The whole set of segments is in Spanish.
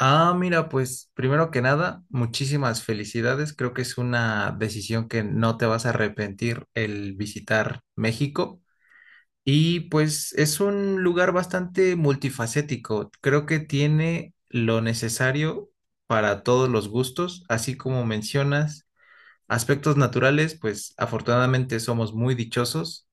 Ah, mira, pues primero que nada, muchísimas felicidades. Creo que es una decisión que no te vas a arrepentir el visitar México. Y pues es un lugar bastante multifacético. Creo que tiene lo necesario para todos los gustos, así como mencionas aspectos naturales, pues afortunadamente somos muy dichosos,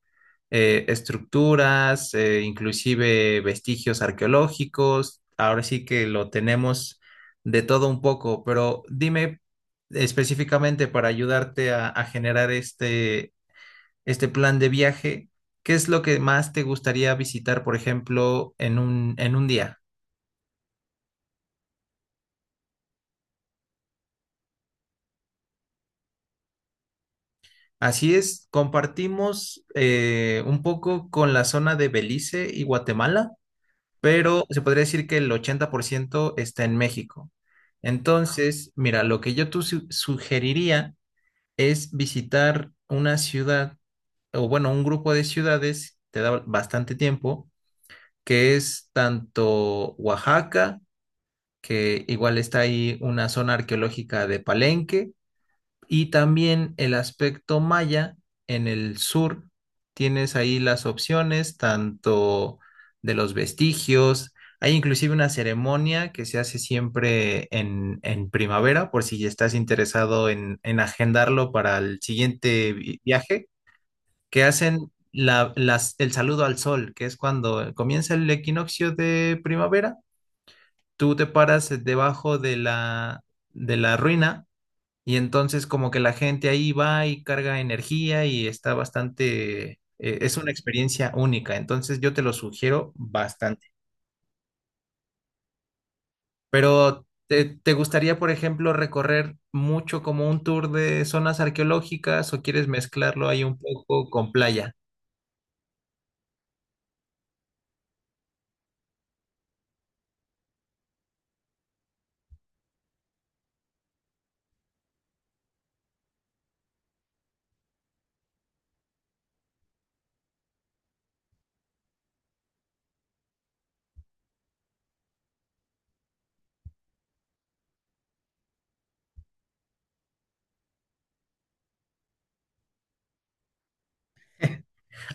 estructuras, inclusive vestigios arqueológicos. Ahora sí que lo tenemos de todo un poco, pero dime específicamente para ayudarte a generar este plan de viaje. ¿Qué es lo que más te gustaría visitar, por ejemplo, en un día? Así es, compartimos un poco con la zona de Belice y Guatemala, pero se podría decir que el 80% está en México. Entonces, mira, lo que yo tú sugeriría es visitar una ciudad, o bueno, un grupo de ciudades, te da bastante tiempo, que es tanto Oaxaca, que igual está ahí una zona arqueológica de Palenque, y también el aspecto maya en el sur. Tienes ahí las opciones tanto de los vestigios. Hay inclusive una ceremonia que se hace siempre en primavera, por si estás interesado en agendarlo para el siguiente viaje, que hacen el saludo al sol, que es cuando comienza el equinoccio de primavera. Tú te paras debajo de de la ruina, y entonces como que la gente ahí va y carga energía y está bastante, es una experiencia única. Entonces yo te lo sugiero bastante. Pero te gustaría, por ejemplo, recorrer mucho como un tour de zonas arqueológicas o quieres mezclarlo ahí un poco con playa?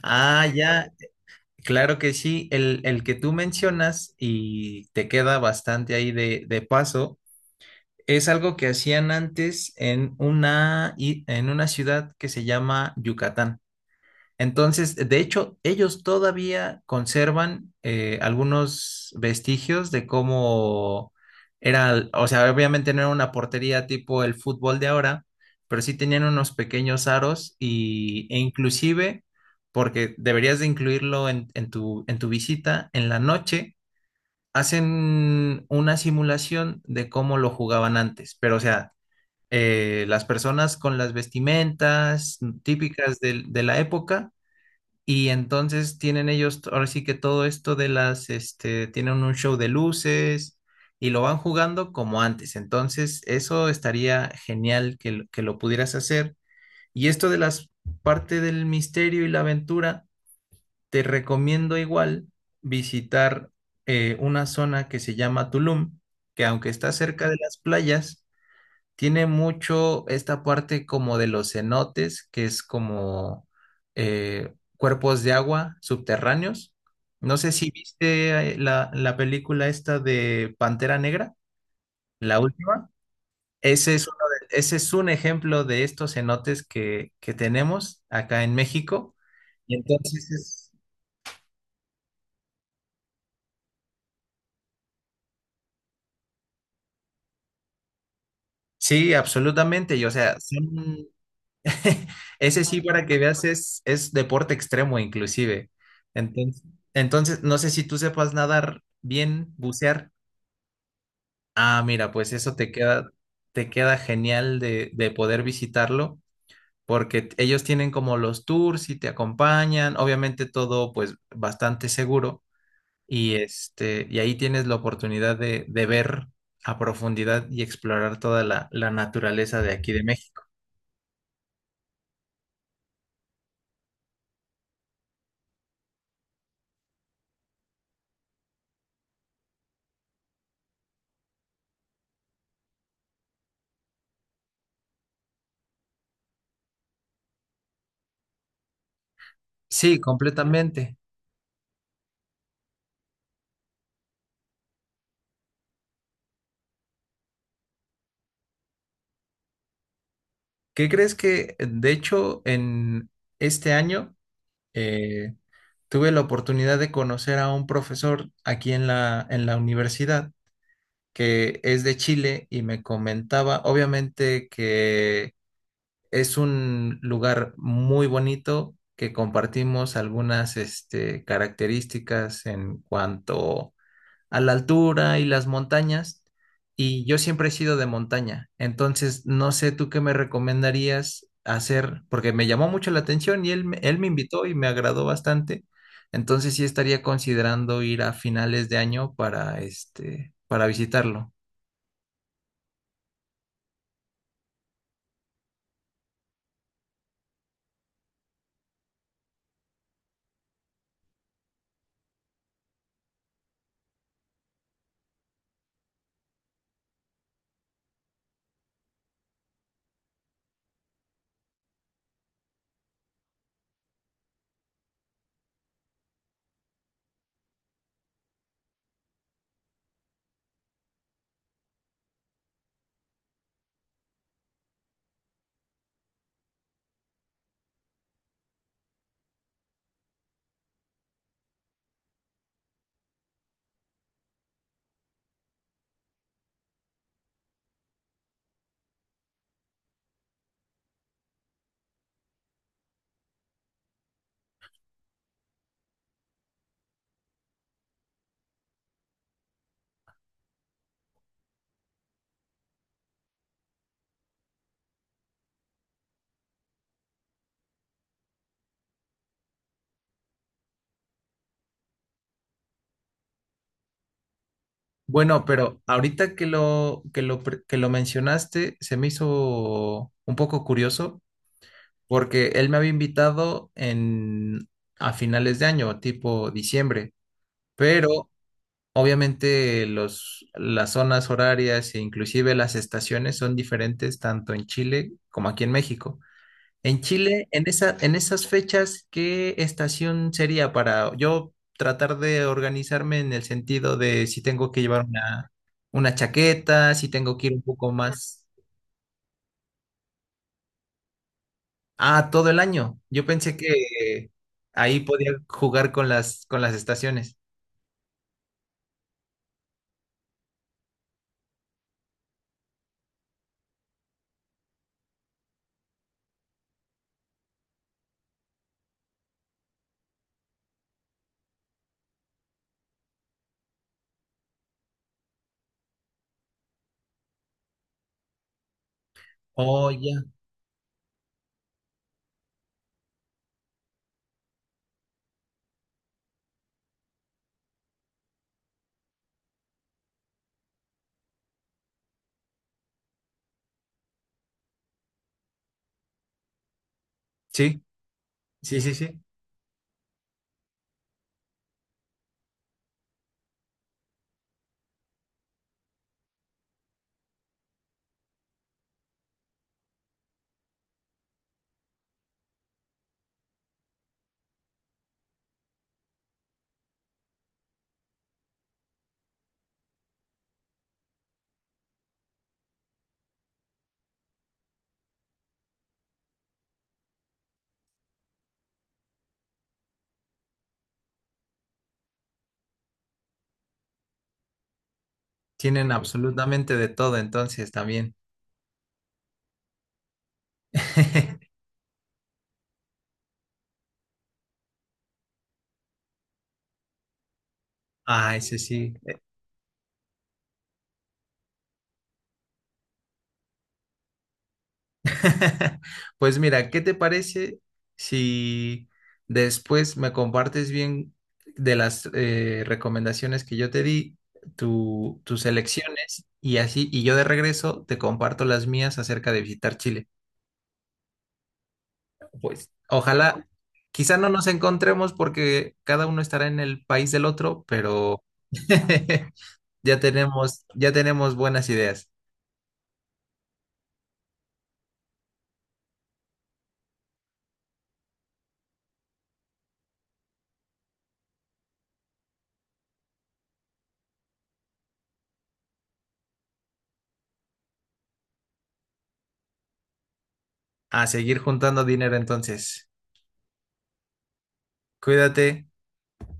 Ah, ya, claro que sí. El que tú mencionas y te queda bastante ahí de paso. Es algo que hacían antes en una, en una ciudad que se llama Yucatán. Entonces, de hecho, ellos todavía conservan, algunos vestigios de cómo era. O sea, obviamente no era una portería tipo el fútbol de ahora, pero sí tenían unos pequeños aros y, e inclusive, porque deberías de incluirlo en tu visita, en la noche hacen una simulación de cómo lo jugaban antes. Pero o sea, las personas con las vestimentas típicas de la época, y entonces tienen ellos, ahora sí que todo esto de tienen un show de luces y lo van jugando como antes. Entonces, eso estaría genial que, que lo pudieras hacer. Y esto de las parte del misterio y la aventura, te recomiendo igual visitar una zona que se llama Tulum, que aunque está cerca de las playas, tiene mucho esta parte como de los cenotes, que es como cuerpos de agua subterráneos. No sé si viste, la película esta de Pantera Negra, la última. Ese es uno ese es un ejemplo de estos cenotes que tenemos acá en México. Y entonces, sí, absolutamente. Y o sea, son ese sí, para que veas, es deporte extremo inclusive. Entonces, entonces, no sé si tú sepas nadar bien, bucear. Ah, mira, pues eso te queda genial de poder visitarlo, porque ellos tienen como los tours y te acompañan, obviamente todo pues bastante seguro, y este, y ahí tienes la oportunidad de ver a profundidad y explorar toda la naturaleza de aquí de México. Sí, completamente. ¿Qué crees que, de hecho, en este año eh, tuve la oportunidad de conocer a un profesor aquí en en la universidad que es de Chile y me comentaba, obviamente, que es un lugar muy bonito, que compartimos algunas características en cuanto a la altura y las montañas, y yo siempre he sido de montaña? Entonces no sé tú qué me recomendarías hacer, porque me llamó mucho la atención y él me invitó y me agradó bastante, entonces sí estaría considerando ir a finales de año para este, para visitarlo. Bueno, pero ahorita que lo mencionaste, se me hizo un poco curioso porque él me había invitado a finales de año, tipo diciembre, pero obviamente las zonas horarias e inclusive las estaciones son diferentes tanto en Chile como aquí en México. En Chile, en esas fechas, ¿qué estación sería para yo tratar de organizarme en el sentido de si tengo que llevar una chaqueta, si tengo que ir un poco más? Ah, todo el año. Yo pensé que ahí podía jugar con con las estaciones. Oh, ya. Sí, sí, sí, sí, tienen absolutamente de todo entonces también. Ah, ese sí. Pues mira, ¿qué te parece si después me compartes bien de las, recomendaciones que yo te di, tus elecciones y así, y yo de regreso te comparto las mías acerca de visitar Chile? Pues ojalá, quizá no nos encontremos porque cada uno estará en el país del otro, pero ya tenemos buenas ideas. A seguir juntando dinero entonces. Cuídate.